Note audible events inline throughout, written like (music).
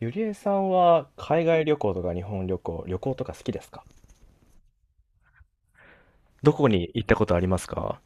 ゆりえさんは海外旅行とか日本旅行、旅行とか好きですか？どこに行ったことありますか？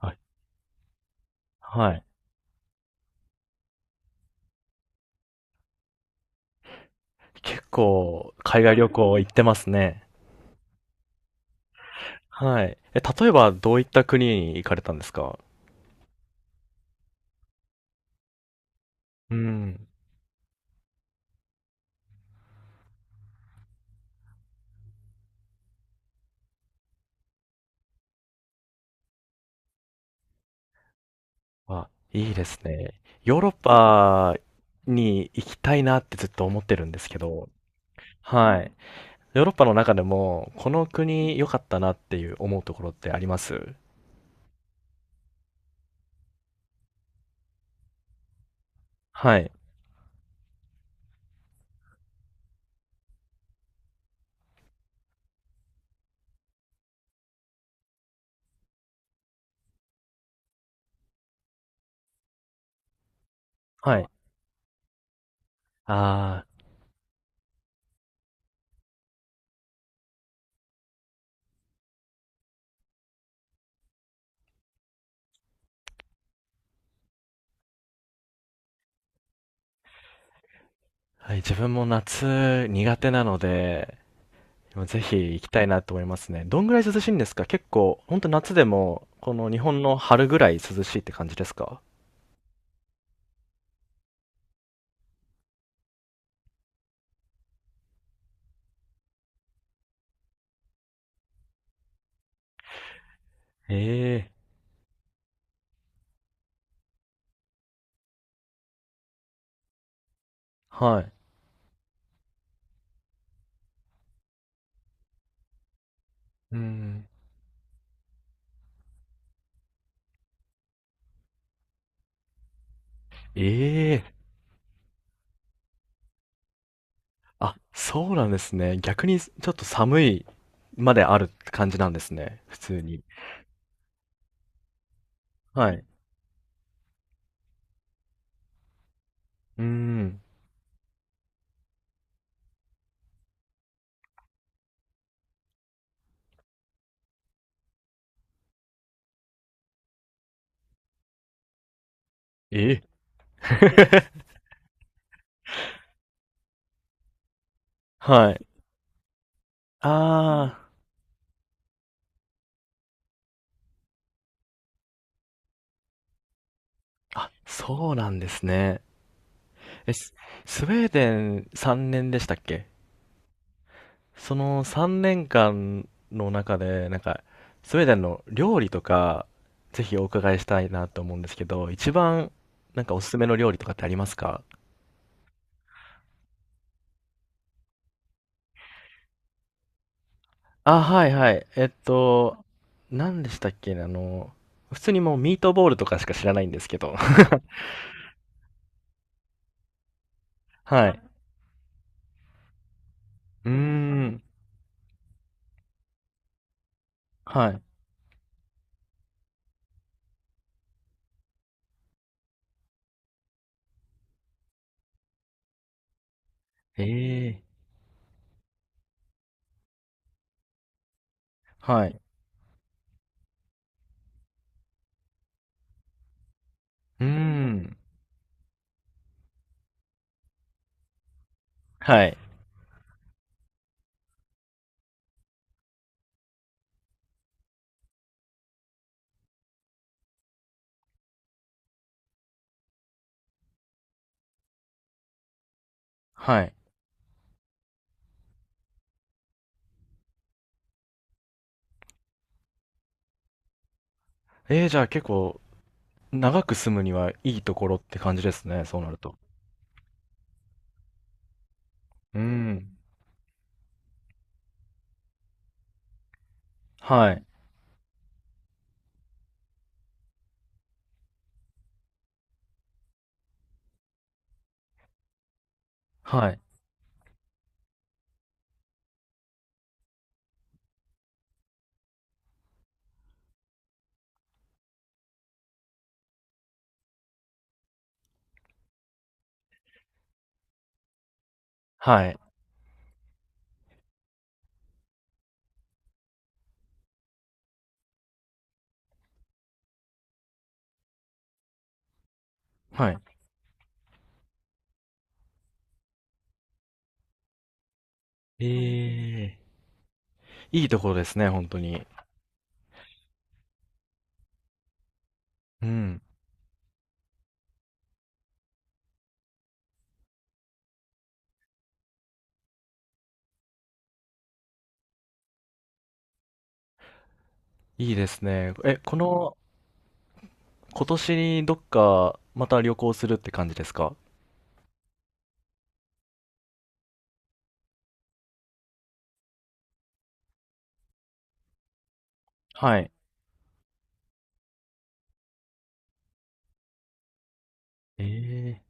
はい。はい。結構海外旅行行ってますね。はい。例えばどういった国に行かれたんですか？うん。あ、いいですね。ヨーロッパに行きたいなってずっと思ってるんですけど、はい。ヨーロッパの中でもこの国良かったなっていう思うところってあります？はい。はい。あ、はい、自分も夏苦手なので、ぜひ行きたいなと思いますね。どんぐらい涼しいんですか？結構、ほんと夏でも、この日本の春ぐらい涼しいって感じですか？ええ。はい。うん。ええ。あ、そうなんですね。逆にちょっと寒いまである感じなんですね。普通に。はい。うーん。ええ。 (laughs) はい。ああ、そうなんですね。え、ススウェーデン3年でしたっけ？その3年間の中で、なんか、スウェーデンの料理とか、ぜひお伺いしたいなと思うんですけど、一番、なんかおすすめの料理とかってありますか？あ、はいはい。何でしたっけね、普通にもうミートボールとかしか知らないんですけど。(laughs) はい。うーん。はい。ええ。はい。うーん。はい。はい。ええ、じゃあ結構、長く住むにはいいところって感じですね、そうなると。うーん。はい。はい。はい。はい。ええ、いいところですね、本当に。うん。いいですね。この、今年にどっか、また旅行するって感じですか？はい。ええ、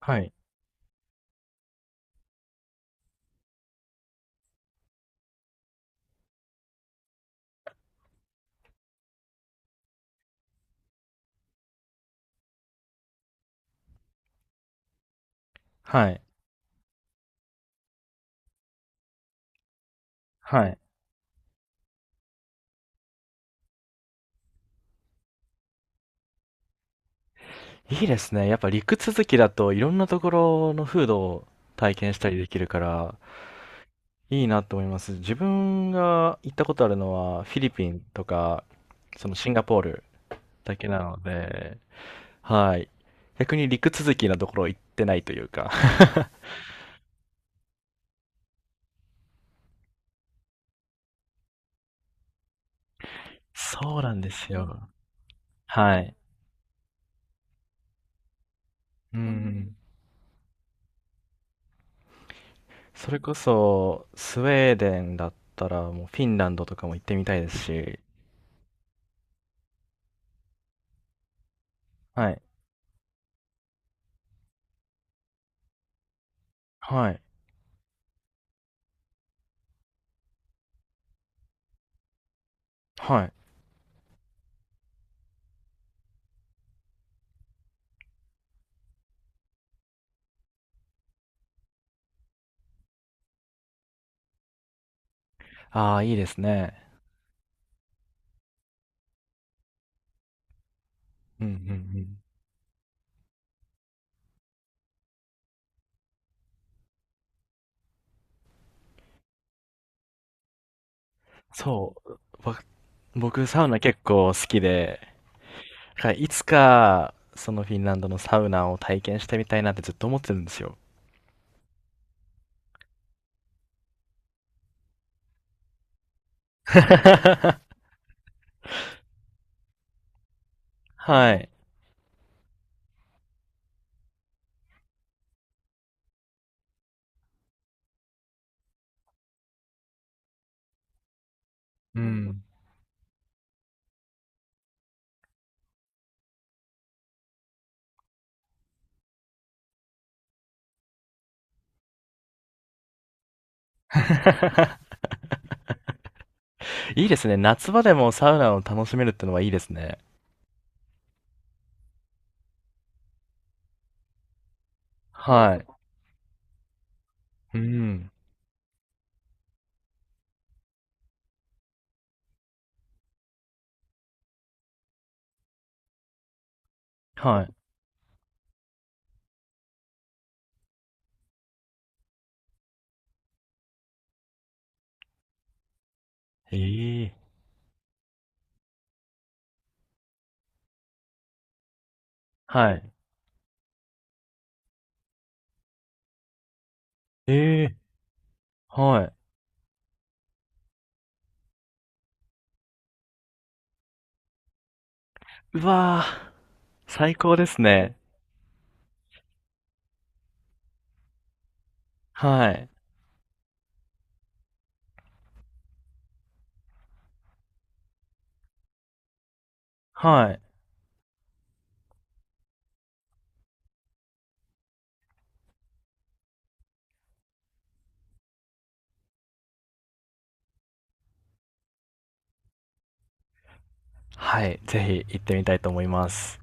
はい。はい。はい。いいですね。やっぱ陸続きだといろんなところの風土を体験したりできるから、いいなと思います。自分が行ったことあるのは、フィリピンとか、そのシンガポールだけなので、はい。逆に陸続きなところ行ってないというか。(laughs) そうなんですよ。はい。うん。それこそ、スウェーデンだったら、もうフィンランドとかも行ってみたいですし。はい。はい。はい。ああ、いいですね。うんうんうん。そう。わ僕、サウナ結構好きで、だからいつか、そのフィンランドのサウナを体験してみたいなってずっと思ってるんですよ。(laughs) はい。うん。(laughs) いいですね。夏場でもサウナを楽しめるってのはいいですね。はい。うん。はい。ええ。はい。ええ、はい。うわー、最高ですね。はい。はい。はい、ぜひ行ってみたいと思います。